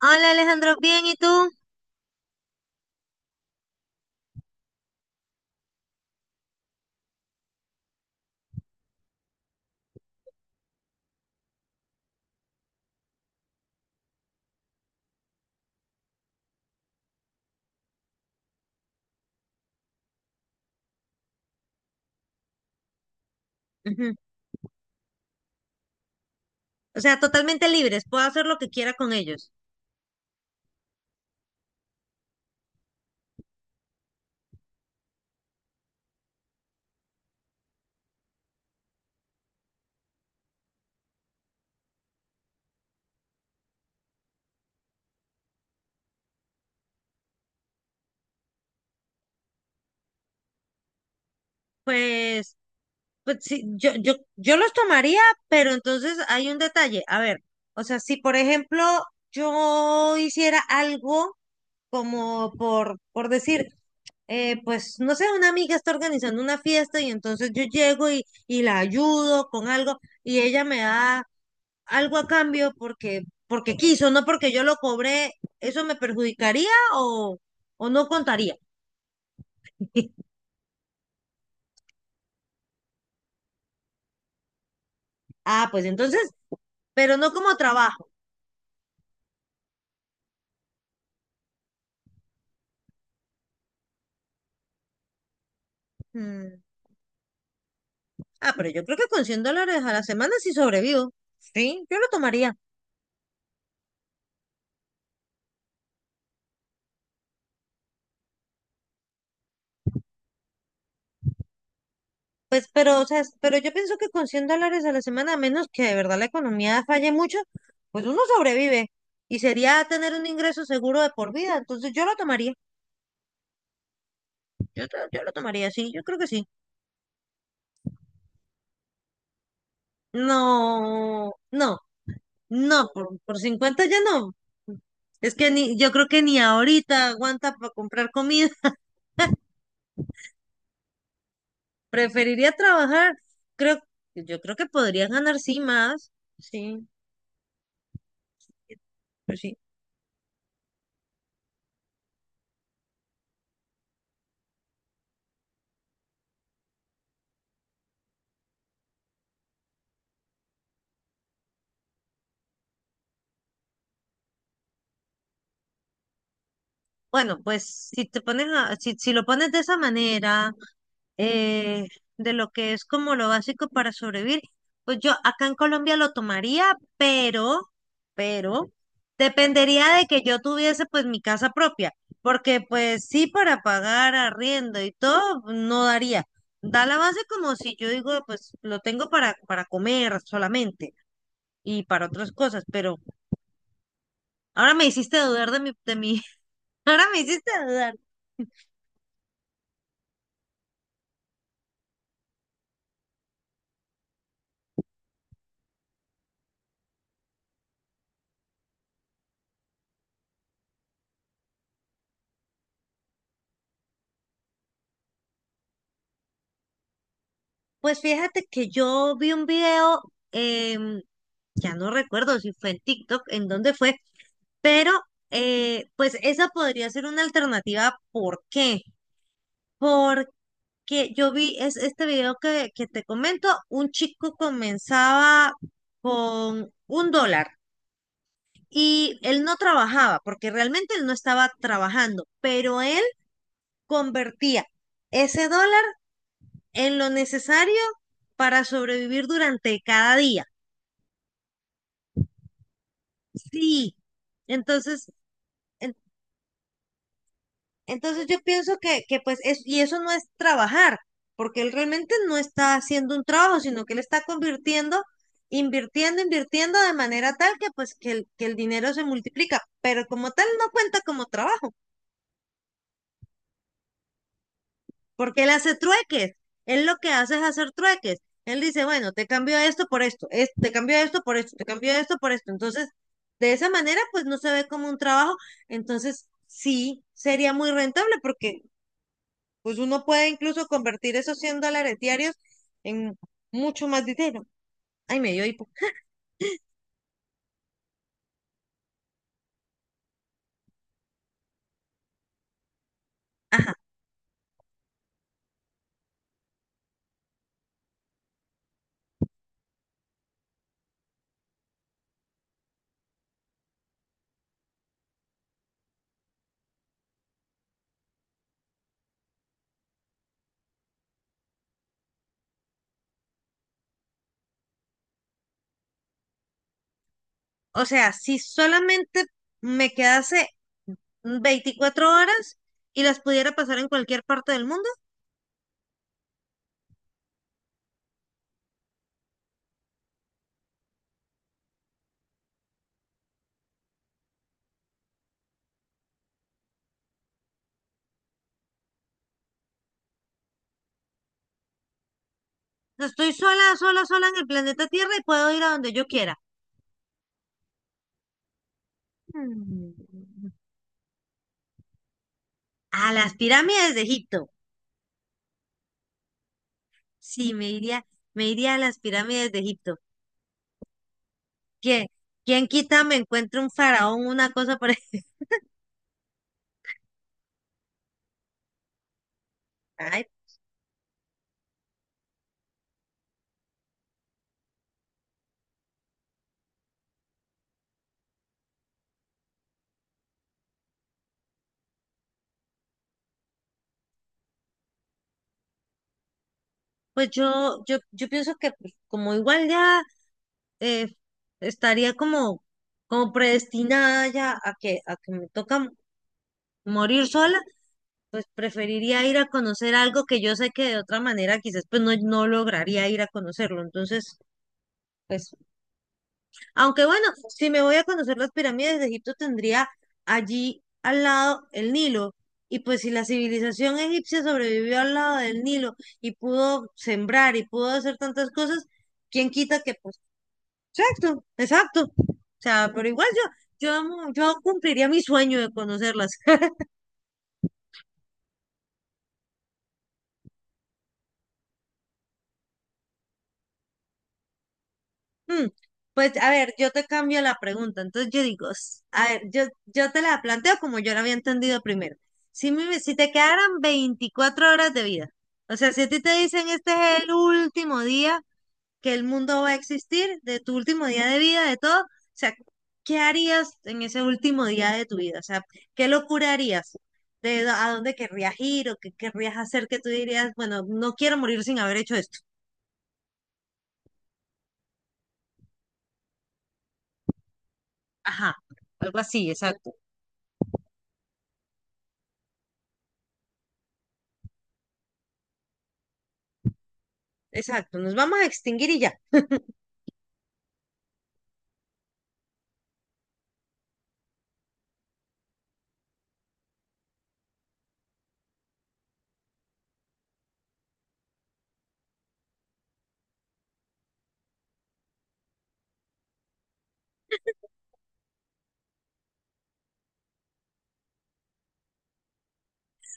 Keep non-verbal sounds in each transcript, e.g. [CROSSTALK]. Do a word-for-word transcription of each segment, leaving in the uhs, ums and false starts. Hola Alejandro, bien, ¿y tú? Ujú. O sea, totalmente libres, puedo hacer lo que quiera con ellos. Pues, Pues sí, yo, yo, yo los tomaría, pero entonces hay un detalle. A ver, o sea, si por ejemplo yo hiciera algo como por, por decir, eh, pues no sé, una amiga está organizando una fiesta y entonces yo llego y, y la ayudo con algo y ella me da algo a cambio porque, porque quiso, no porque yo lo cobré, ¿eso me perjudicaría o, o no contaría? [LAUGHS] Ah, pues entonces, pero no como trabajo. Ah, pero yo creo que con cien dólares a la semana sí sobrevivo. Sí, yo lo tomaría. Pues, pero, o sea, es- pero yo pienso que con cien dólares a la semana, a menos que de verdad la economía falle mucho, pues uno sobrevive. Y sería tener un ingreso seguro de por vida. Entonces yo lo tomaría. Yo, to- yo lo tomaría, sí, yo creo que sí. No, no, no, por, por cincuenta ya no. Es que ni, yo creo que ni ahorita aguanta para comprar comida. [LAUGHS] Preferiría trabajar. Creo, yo creo que podría ganar sí más. Sí. Pues sí. Bueno, pues si te pones a- si, si lo pones de esa manera, eh, de lo que es como lo básico para sobrevivir, pues yo acá en Colombia lo tomaría, pero, pero dependería de que yo tuviese pues mi casa propia, porque pues sí para pagar arriendo y todo pues, no daría. Da la base como si yo digo, pues lo tengo para, para comer solamente y para otras cosas, pero ahora me hiciste dudar de mi, de mi, [LAUGHS] ahora me hiciste dudar. Pues fíjate que yo vi un video, em, ya no recuerdo si fue en TikTok, en dónde fue, pero eh, pues esa podría ser una alternativa. ¿Por qué? Porque yo vi es este video que, que te comento, un chico comenzaba con un dólar y él no trabajaba, porque realmente él no estaba trabajando, pero él convertía ese dólar en lo necesario para sobrevivir durante cada día. Sí. Entonces, en- entonces yo pienso que, que pues es, y eso no es trabajar, porque él realmente no está haciendo un trabajo, sino que él está convirtiendo, invirtiendo, invirtiendo de manera tal que pues que el, que el dinero se multiplica, pero como tal no cuenta como trabajo. Porque él hace trueques. Él lo que hace es hacer trueques. Él dice, bueno, te cambio esto por esto, es- te cambio esto por esto, te cambio esto por esto. Entonces, de esa manera, pues no se ve como un trabajo. Entonces, sí, sería muy rentable porque pues uno puede incluso convertir esos cien dólares diarios en mucho más dinero. Ay, me dio hipo. Ajá. O sea, si solamente me quedase veinticuatro horas y las pudiera pasar en cualquier parte del mundo, estoy sola, sola, sola en el planeta Tierra y puedo ir a donde yo quiera. Mm. A las pirámides de Egipto. Sí, me iría, me iría a las pirámides de Egipto. ¿Quién, quién quita me encuentre un faraón, una cosa por ahí? [LAUGHS] Ay, pues yo, yo, yo pienso que pues, como igual ya eh, estaría como, como predestinada ya a que, a que me toca m- morir sola, pues preferiría ir a conocer algo que yo sé que de otra manera quizás pues no, no lograría ir a conocerlo. Entonces, eso. Aunque bueno, si me voy a conocer las pirámides de Egipto, tendría allí al lado el Nilo. Y pues si la civilización egipcia sobrevivió al lado del Nilo y pudo sembrar y pudo hacer tantas cosas, ¿quién quita que pues, exacto, exacto? O sea, pero igual yo, yo, yo cumpliría mi sueño de conocerlas. [LAUGHS] Mm, Pues a ver, yo te cambio la pregunta. Entonces yo digo, s- a ver, yo, yo te la planteo como yo la había entendido primero. Si, me- si te quedaran veinticuatro horas de vida, o sea, si a ti te dicen este es el último día que el mundo va a existir, de tu último día de vida, de todo, o sea, ¿qué harías en ese último día de tu vida? O sea, ¿qué locura harías? ¿De dó- A dónde querrías ir o qué querrías hacer que tú dirías, bueno, no quiero morir sin haber hecho esto? Ajá, algo así, exacto. Exacto, nos vamos a extinguir y ya.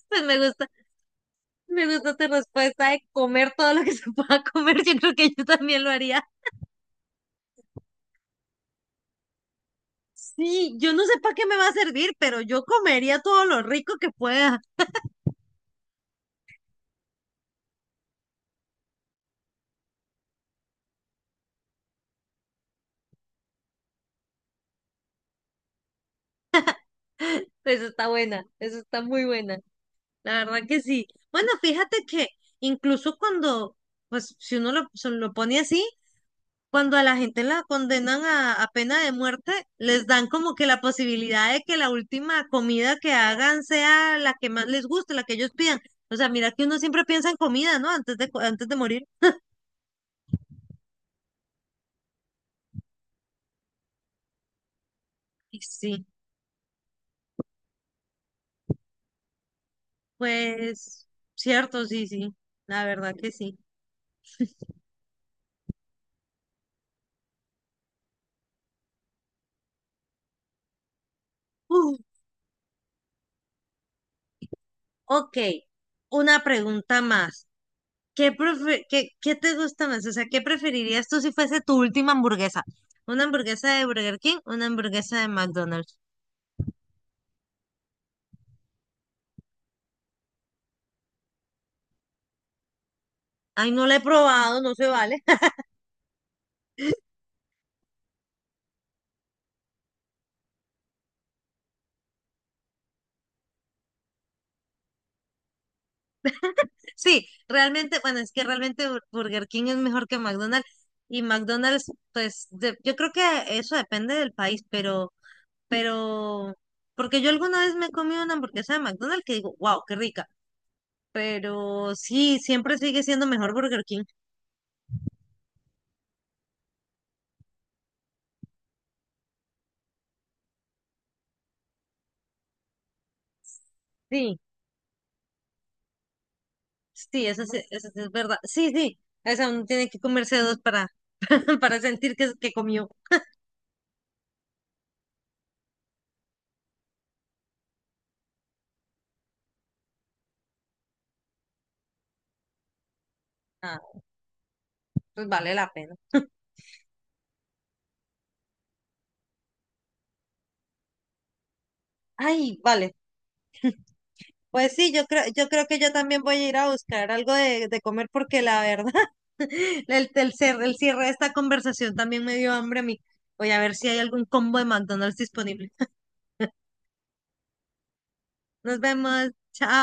Pues me gusta, me gusta tu respuesta de comer todo lo que [LAUGHS] se pueda comer. Yo creo que yo también lo haría. Sí, yo no sé para qué me va a servir, pero yo comería todo lo rico que pueda. Eso está buena, eso está muy buena. La verdad que sí. Bueno, fíjate que incluso cuando, pues si uno lo, se lo pone así, cuando a la gente la condenan a, a pena de muerte, les dan como que la posibilidad de que la última comida que hagan sea la que más les guste, la que ellos pidan. O sea, mira que uno siempre piensa en comida, ¿no? Antes de, co- antes de morir. Y sí, pues cierto, sí, sí, la verdad que sí. Uf, ok, una pregunta más. ¿Qué, prefe- qué, qué te gusta más? O sea, ¿qué preferirías tú si fuese tu última hamburguesa? ¿Una hamburguesa de Burger King? ¿Una hamburguesa de McDonald's? Ay, no la he probado, no se vale. Sí, realmente, bueno, es que realmente Bur- Burger King es mejor que McDonald's, y McDonald's, pues de- yo creo que eso depende del país, pero, pero, porque yo alguna vez me he comido una hamburguesa de McDonald's que digo, wow, qué rica, pero sí, siempre sigue siendo mejor Burger King. Sí, sí, eso sí, eso sí es verdad. Sí, sí, esa uno tiene que comerse dos para, [LAUGHS] para sentir que, que comió. Ah, pues vale la pena. Ay, vale. Pues sí, yo creo, yo creo que yo también voy a ir a buscar algo de, de comer porque la verdad, [LAUGHS] el, el, cer- el cierre de esta conversación también me dio hambre a mí. Voy a ver si hay algún combo de McDonald's disponible. [LAUGHS] Nos vemos. Chao.